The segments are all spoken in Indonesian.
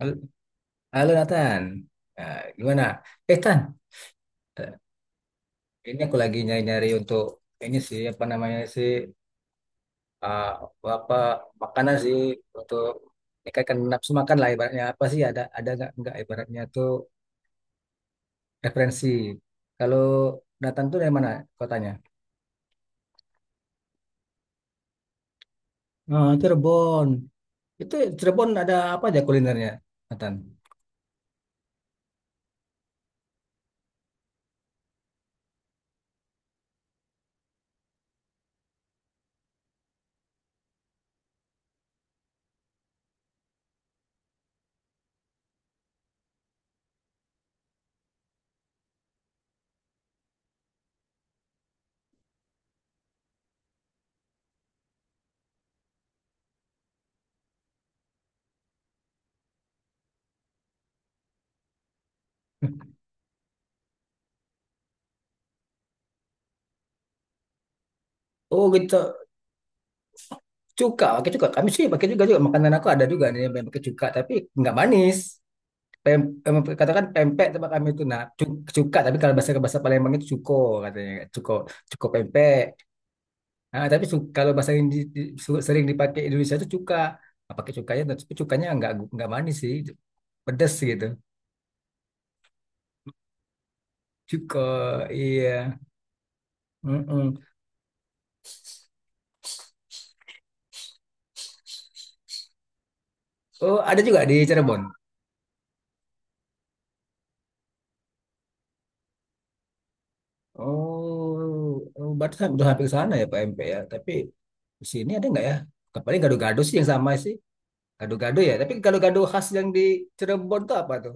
Hal- Halo Nathan, nah, gimana? Tan, Eh, ini aku lagi nyari-nyari untuk ini sih apa namanya sih, ah, apa makanan sih untuk meningkatkan nafsu makan lah ibaratnya apa sih, ada nggak ibaratnya tuh referensi. Kalau Nathan tuh dari mana kotanya? Oh, Cirebon. Itu Cirebon ada apa aja kulinernya, Nathan? Oh gitu, cuka pakai cuka. Kami sih pakai juga juga makanan, aku ada juga nih yang pakai cuka tapi nggak manis. Pem, em, katakan pempek tempat kami itu nah cuka, tapi kalau bahasa bahasa Palembang itu cuko, katanya cuko, cuko pempek. Nah, tapi kalau bahasa yang sering dipakai Indonesia itu cuka. Nah, pakai cukanya. Nah, tapi cukanya nggak manis sih, pedes gitu. Cuko, iya. Mm-mm. Oh ada juga di Cirebon. Oh, oh berarti udah hampir ke sana ya pak pempek ya, tapi di sini ada nggak ya. Paling gado-gado sih yang sama sih, gado-gado ya, tapi gado-gado khas yang di Cirebon tuh apa tuh?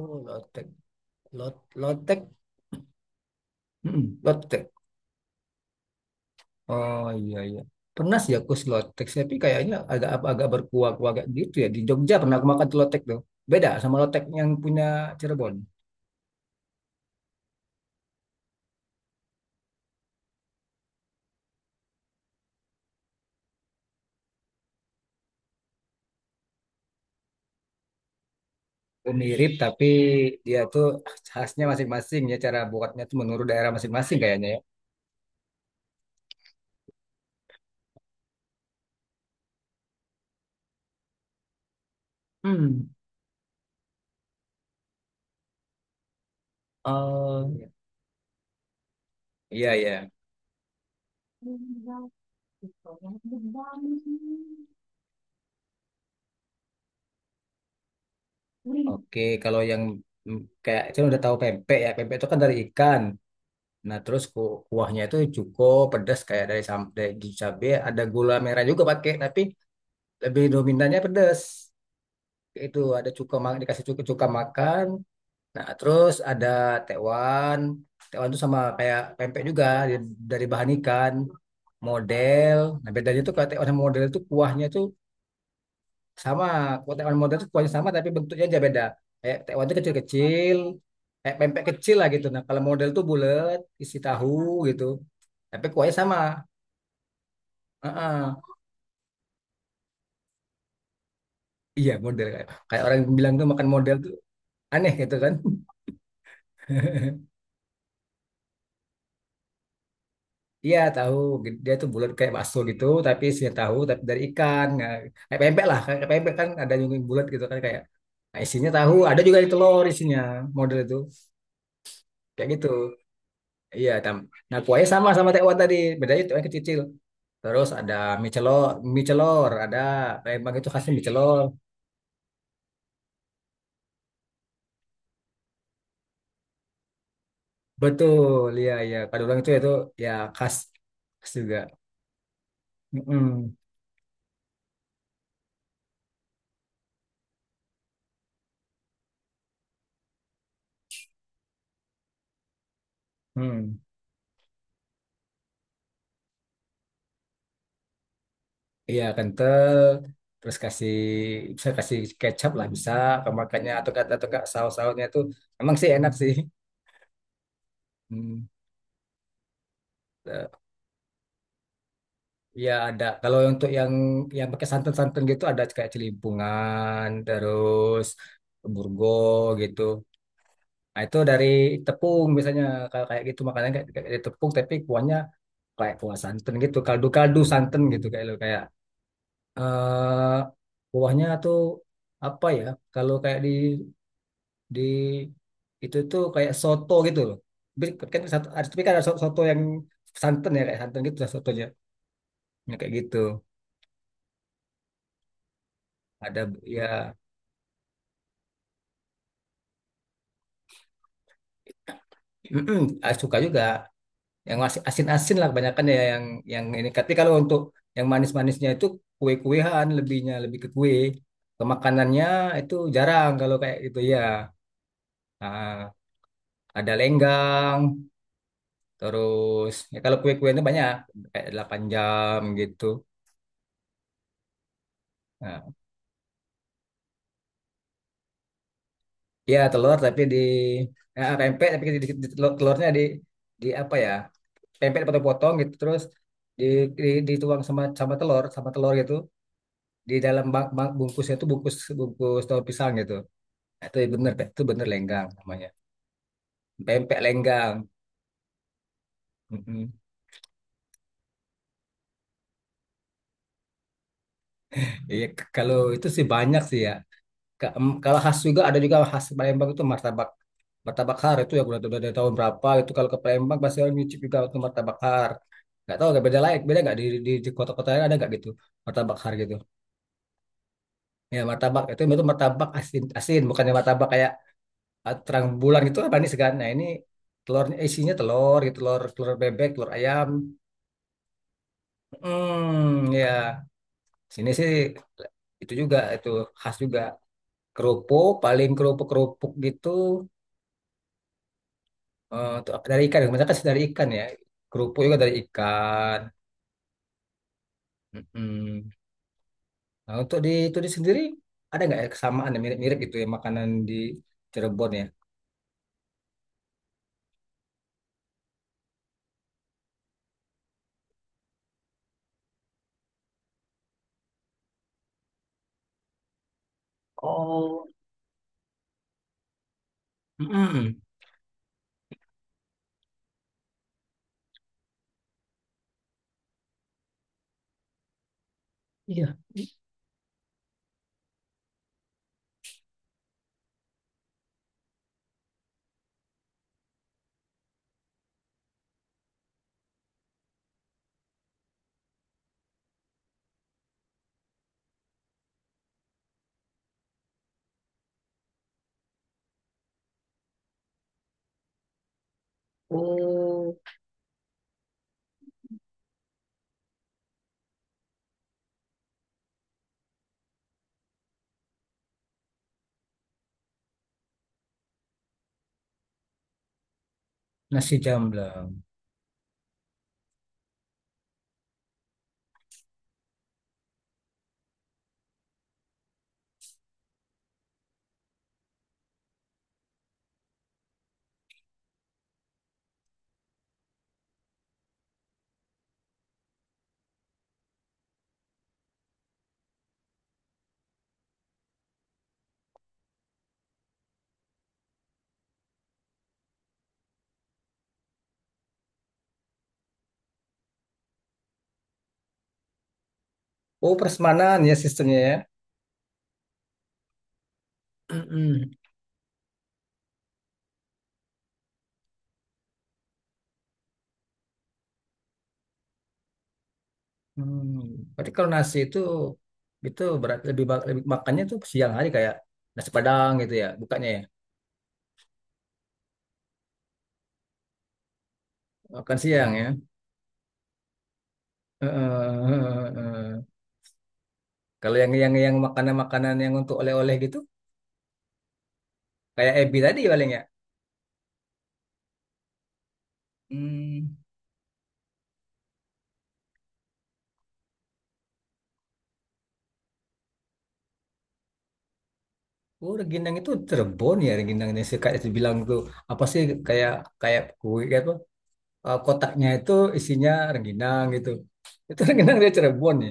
Oh, lotek. Lot Lotek. Mm-mm. Lotek. Oh iya iya. Pernah sih aku si Lotek, tapi kayaknya agak agak berkuah-kuah agak gitu ya. Di Jogja pernah aku makan tuh Lotek tuh. Beda sama Lotek yang punya Cirebon. Mirip tapi dia tuh khasnya masing-masing ya, cara buatnya tuh menurut daerah masing-masing kayaknya ya. Hmm. Oh iya iya. Oke, kalau yang mm, kayak saya udah tahu pempek ya. Pempek itu kan dari ikan. Nah, terus kuahnya itu cuko pedas kayak dari dari cabe, ada gula merah juga pakai, tapi lebih dominannya pedas. Itu ada cuka dikasih cuka cuka makan. Nah, terus ada tewan. Tewan itu sama kayak pempek juga dari bahan ikan. Model. Nah, bedanya tuh kalau tewan sama model itu kuahnya tuh sama. Kalau tekwan modern itu kuahnya sama tapi bentuknya aja beda, kayak tekwan itu kecil-kecil kayak pempek kecil lah gitu. Nah, kalau model tuh bulat isi tahu gitu, tapi kuahnya sama. Heeh. Iya model, kayak kayak orang bilang tuh makan model tuh aneh gitu kan. Iya tahu, dia tuh bulat kayak bakso gitu tapi isinya tahu tapi dari ikan. Nah, kayak pempek lah, kayak pempek kan ada yang bulat gitu kan kayak. Nah, isinya tahu, ada juga yang telur isinya. Model itu kayak gitu. Iya, Nah, kuahnya sama sama tekwan tadi, bedanya tekwan kecil. Terus ada mie celor, ada, Palembang itu khasnya mie celor. Betul, iya iya. Padahal itu ya khas khas juga. Mm-mm. Hmm. Iya, kental. Terus kasih, bisa kasih kecap lah, bisa kemakannya atau kata atau saus-sausnya itu emang sih enak sih. Hmm. Ya ada. Kalau untuk yang pakai santan-santan gitu ada kayak celimpungan, terus burgo gitu. Nah, itu dari tepung misalnya, kalau kayak gitu makanya kayak dari tepung tapi kuahnya kayak kuah santan gitu, kaldu-kaldu santan gitu, kayak lo kayak, eh kuahnya tuh apa ya? Kalau kayak di itu tuh kayak soto gitu loh. Tapi kan satu, tapi kan ada soto yang santan ya kayak santan gitu lah sotonya. Ya, kayak gitu. Ada ya. Mm-mm, suka juga yang masih asin-asin lah kebanyakan ya, yang ini. Tapi kalau untuk yang manis-manisnya itu kue-kuean lebihnya lebih ke kue. Ke makanannya itu jarang kalau kayak gitu ya. Ah, ada lenggang, terus ya kalau kue-kuenya banyak kayak 8 jam gitu. Nah, ya telur tapi di, ya, pempek tapi di telurnya di apa ya? Pempek dipotong-potong gitu terus di, dituang sama sama telur gitu di dalam bang, bang- bungkusnya itu, bungkus bungkus daun pisang gitu. Nah, itu bener, itu bener lenggang namanya. Pempek lenggang. Mm-mm. Iya, kalau itu sih banyak sih ya. Kalau khas juga ada juga khas Palembang itu martabak, martabak har itu ya udah, dari tahun berapa itu kalau ke Palembang pasti orang nyicip juga untuk martabak har. Nggak tahu nggak beda lain, beda nggak di kota-kota lain ada nggak gitu martabak har gitu. Ya martabak itu martabak asin, asin bukannya martabak kayak. Terang bulan itu apa nih segan? Nah ini telurnya isinya telur gitu, telur telur bebek, telur ayam. Hmm, ya. Sini sih itu juga itu khas juga kerupuk, paling kerupuk kerupuk gitu, tuh dari ikan. Kebanyakan sih dari ikan ya. Kerupuk juga dari ikan. Mm-mm. Nah untuk di itu di sendiri ada nggak ya kesamaan yang mirip-mirip gitu ya makanan di Cirebon ya? Oh. Mm-mm. Iya. Oh, nasi jamblang. Oh, persemanan ya sistemnya ya. Mm-mm. Hmm. Berarti kalau nasi itu, berat lebih, lebih makannya tuh siang hari kayak nasi Padang gitu ya, bukannya ya. Makan siang ya. Heeh. Kalau yang makanan-makanan yang untuk oleh-oleh gitu, kayak Ebi tadi paling ya. Hmm. Oh, rengginang itu Cirebon ya. Rengginang ini sih kayak dibilang tuh apa sih, kayak kayak kue kayak apa, kotaknya itu isinya rengginang gitu. Itu rengginang dia Cirebon ya?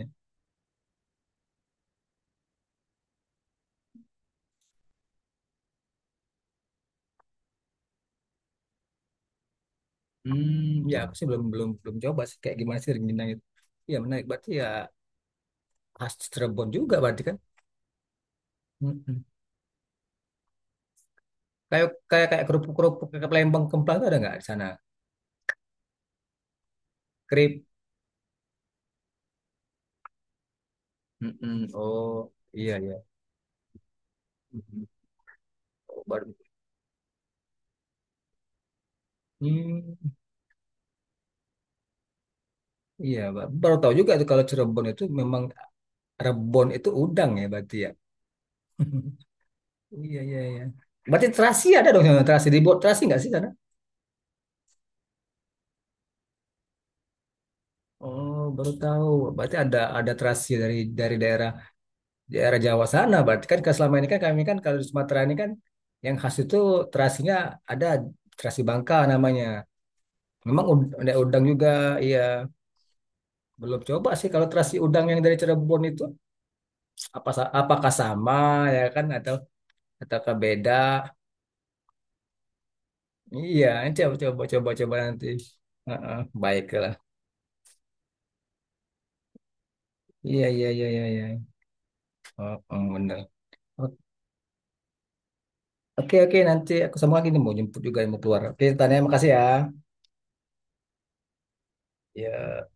Ya, aku sih belum belum belum coba sih kayak gimana sih rengginang itu. Ya menarik berarti ya, khas Cirebon juga berarti kan. Mm-mm. Kayak kayak kayak kerupuk-kerupuk kayak Palembang, Kemplang itu ada nggak di sana? Krip. Mm-mm. Oh, iya iya. Mm-mm. Oh, baru. Hmm, iya baru tahu juga tuh kalau Cirebon itu memang Rebon itu udang ya berarti ya. Iya iya iya. Berarti terasi ada dong sana, terasi dibuat terasi nggak sih sana? Oh, baru tahu. Berarti ada terasi dari daerah daerah Jawa sana berarti kan, kalau selama ini kan kami kan kalau di Sumatera ini kan yang khas itu terasinya ada terasi Bangka namanya, memang ada udang juga. Iya, belum coba sih kalau terasi udang yang dari Cirebon itu apa apakah sama ya kan, atau ataukah beda. Iya, coba coba coba coba nanti. Heeh, baiklah, iya iya iya iya iya, oh, oh, bener. Oke oke, nanti aku sama lagi nih mau jemput juga yang mau keluar. Oke, tanya, makasih ya. Ya.